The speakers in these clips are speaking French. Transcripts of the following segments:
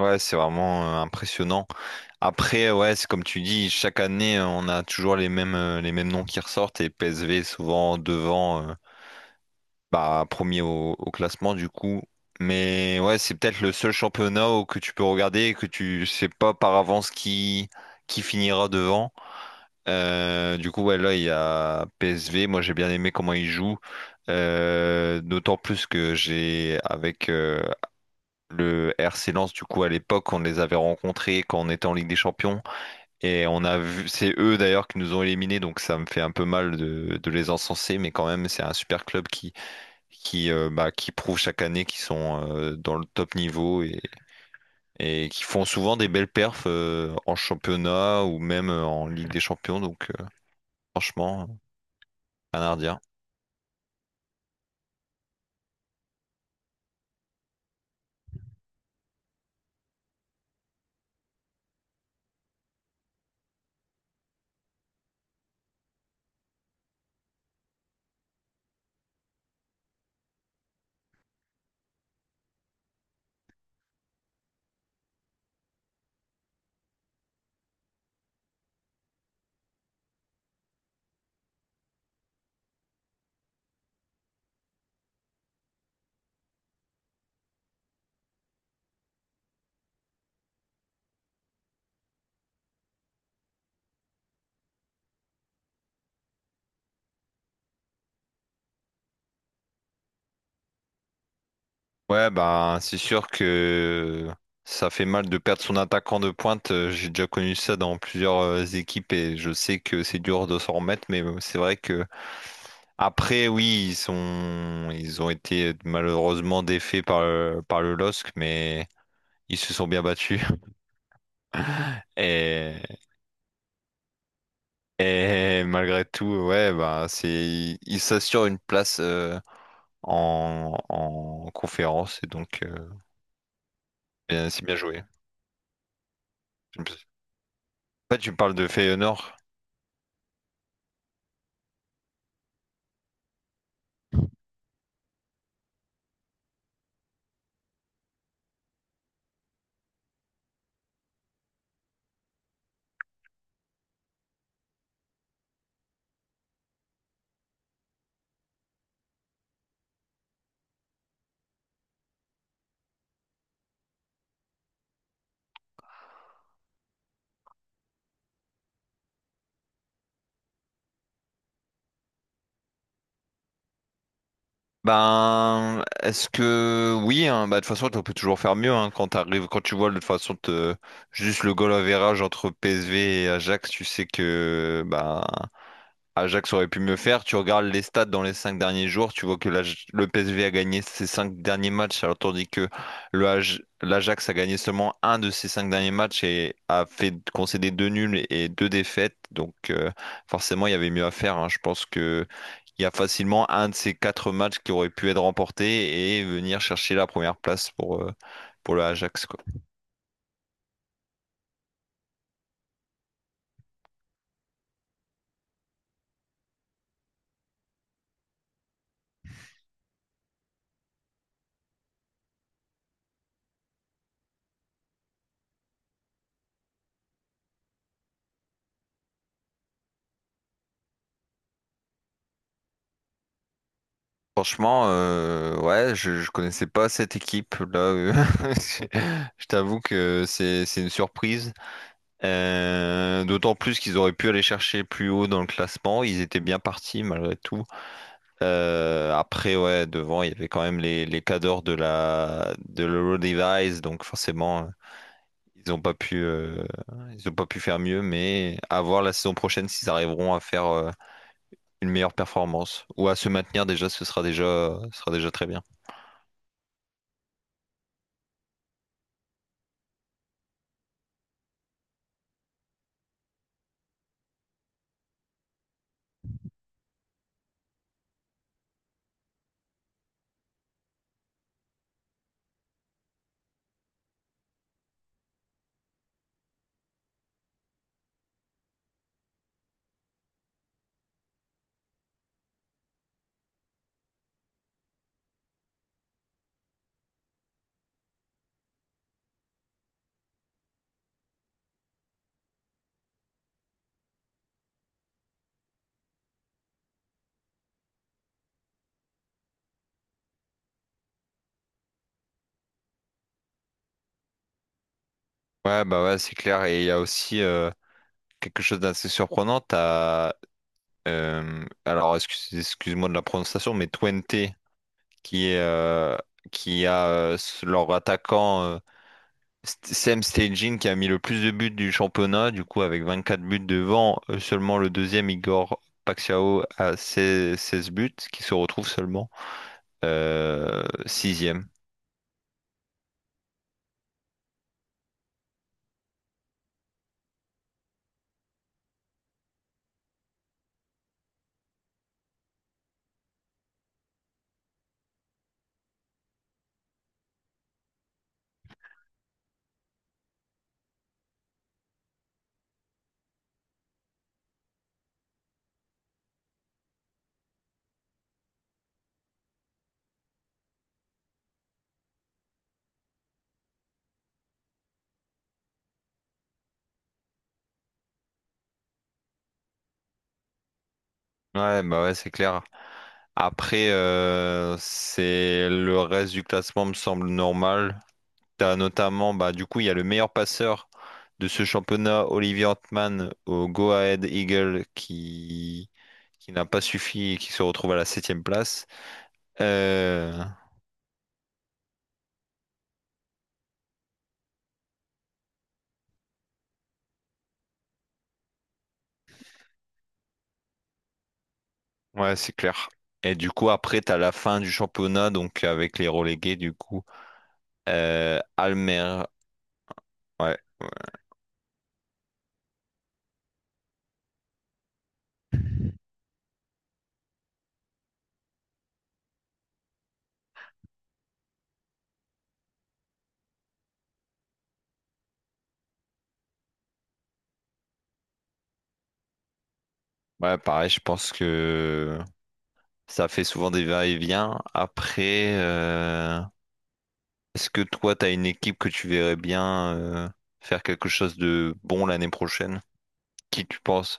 Ouais, c'est vraiment impressionnant. Après, ouais, c'est comme tu dis, chaque année, on a toujours les mêmes noms qui ressortent et PSV est souvent devant, bah, premier au classement du coup. Mais ouais, c'est peut-être le seul championnat où que tu peux regarder et que tu sais pas par avance qui finira devant. Du coup, ouais, là, il y a PSV. Moi, j'ai bien aimé comment ils jouent. D'autant plus que le RC Lens, du coup, à l'époque, on les avait rencontrés quand on était en Ligue des Champions. Et on a vu, c'est eux d'ailleurs qui nous ont éliminés, donc ça me fait un peu mal de les encenser, mais quand même, c'est un super club bah, qui prouve chaque année qu'ils sont dans le top niveau et qui font souvent des belles perfs en championnat ou même en Ligue des Champions. Donc, franchement, rien à redire. Ouais, bah, c'est sûr que ça fait mal de perdre son attaquant de pointe. J'ai déjà connu ça dans plusieurs équipes et je sais que c'est dur de s'en remettre, mais c'est vrai que après, oui, ils ont été malheureusement défaits par le LOSC, mais ils se sont bien battus. Et, et malgré tout, ouais, bah, c'est... ils s'assurent une place en conférence et donc c'est bien joué. En fait, tu parles de Feyenoord. Ben, est-ce que oui, hein, bah, de toute façon, on peut toujours faire mieux, hein, quand t'arrives, quand tu vois de toute façon juste le goal average entre PSV et Ajax, tu sais que bah, Ajax aurait pu mieux faire. Tu regardes les stats dans les cinq derniers jours, tu vois que le PSV a gagné ses cinq derniers matchs, alors tandis que l'Ajax a gagné seulement un de ses cinq derniers matchs et a fait concéder deux nuls et deux défaites. Donc forcément, il y avait mieux à faire, hein. Je pense que il y a facilement un de ces quatre matchs qui aurait pu être remporté et venir chercher la première place pour le Ajax, quoi. Franchement, ouais, je connaissais pas cette équipe là. Je je t'avoue que c'est une surprise. D'autant plus qu'ils auraient pu aller chercher plus haut dans le classement. Ils étaient bien partis malgré tout. Après, ouais, devant, il y avait quand même les cadors de la de l'Euro Device, donc forcément, ils ont pas pu euh, ils ont pas pu faire mieux. Mais à voir la saison prochaine s'ils arriveront à faire une meilleure performance ou à se maintenir déjà, ce sera déjà très bien. Ouais, bah ouais, c'est clair. Et il y a aussi quelque chose d'assez surprenant. T'as, alors, excuse-moi de la prononciation, mais Twente, qui est, qui a leur attaquant Sam Stejin, qui a mis le plus de buts du championnat, du coup, avec 24 buts devant seulement le deuxième, Igor Paxiao, à 16 16 buts, qui se retrouve seulement sixième. Ouais, bah ouais, c'est clair. Après, c'est le reste du classement me semble normal. T'as notamment, bah, du coup, il y a le meilleur passeur de ce championnat, Olivier Antman, au Go Ahead Eagle, qui n'a pas suffi et qui se retrouve à la septième place. Euh, Ouais, c'est clair. Et du coup, après, t'as la fin du championnat, donc avec les relégués, du coup. Almer, ouais. Ouais, ouais, pareil, je pense que ça fait souvent des va-et-vient. Après, est-ce que toi, t'as une équipe que tu verrais bien faire quelque chose de bon l'année prochaine? Qui tu penses?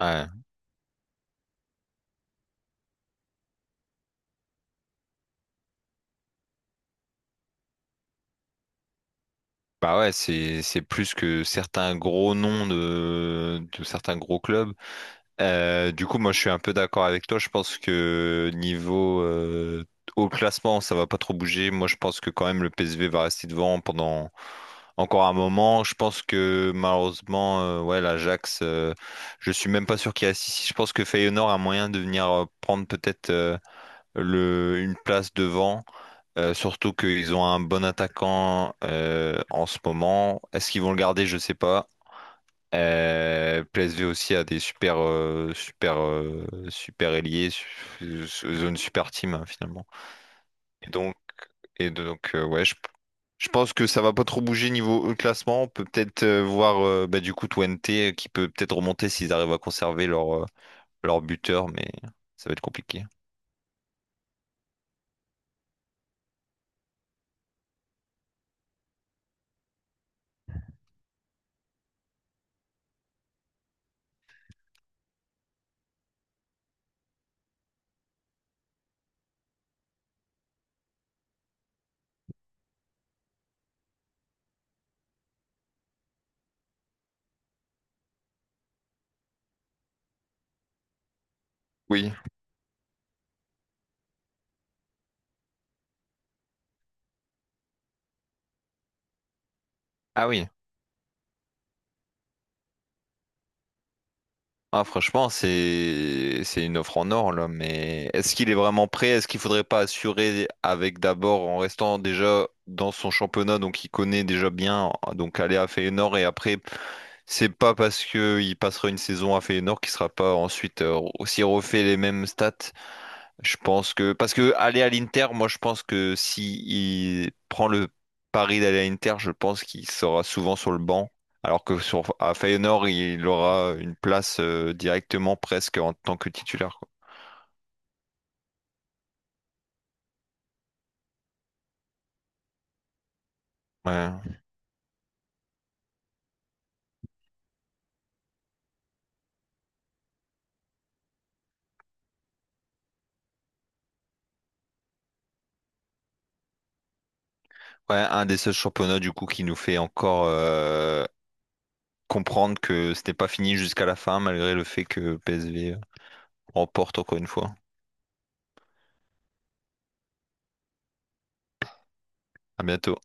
Ouais. Bah ouais, c'est plus que certains gros noms de certains gros clubs. Du coup, moi, je suis un peu d'accord avec toi. Je pense que niveau au classement, ça va pas trop bouger. Moi, je pense que quand même le PSV va rester devant pendant encore un moment. Je pense que malheureusement, ouais, l'Ajax, je suis même pas sûr qu'il y a six. Je pense que Feyenoord a moyen de venir prendre peut-être le une place devant. Surtout qu'ils ont un bon attaquant en ce moment. Est-ce qu'ils vont le garder? Je sais pas. PSV aussi a des super, super ailiers, zone super team, hein, finalement. Et donc, et donc, ouais, je pense que ça va pas trop bouger niveau classement. On peut peut-être voir, bah, du coup Twente qui peut peut-être remonter s'ils arrivent à conserver leur, leur buteur, mais ça va être compliqué. Oui. Ah oui. Ah, franchement, c'est une offre en or là, mais est-ce qu'il est vraiment prêt? Est-ce qu'il faudrait pas assurer avec d'abord en restant déjà dans son championnat, donc il connaît déjà bien, donc aller à Feyenoord. Et après, c'est pas parce que il passera une saison à Feyenoord qu'il sera pas ensuite aussi refait les mêmes stats. Je pense que parce que aller à l'Inter, moi je pense que si il prend le pari d'aller à l'Inter, je pense qu'il sera souvent sur le banc, alors que sur à Feyenoord, il aura une place directement presque en tant que titulaire, quoi. Ouais. Ouais, un des seuls championnats du coup qui nous fait encore comprendre que ce n'est pas fini jusqu'à la fin, malgré le fait que PSG remporte encore une fois. À bientôt.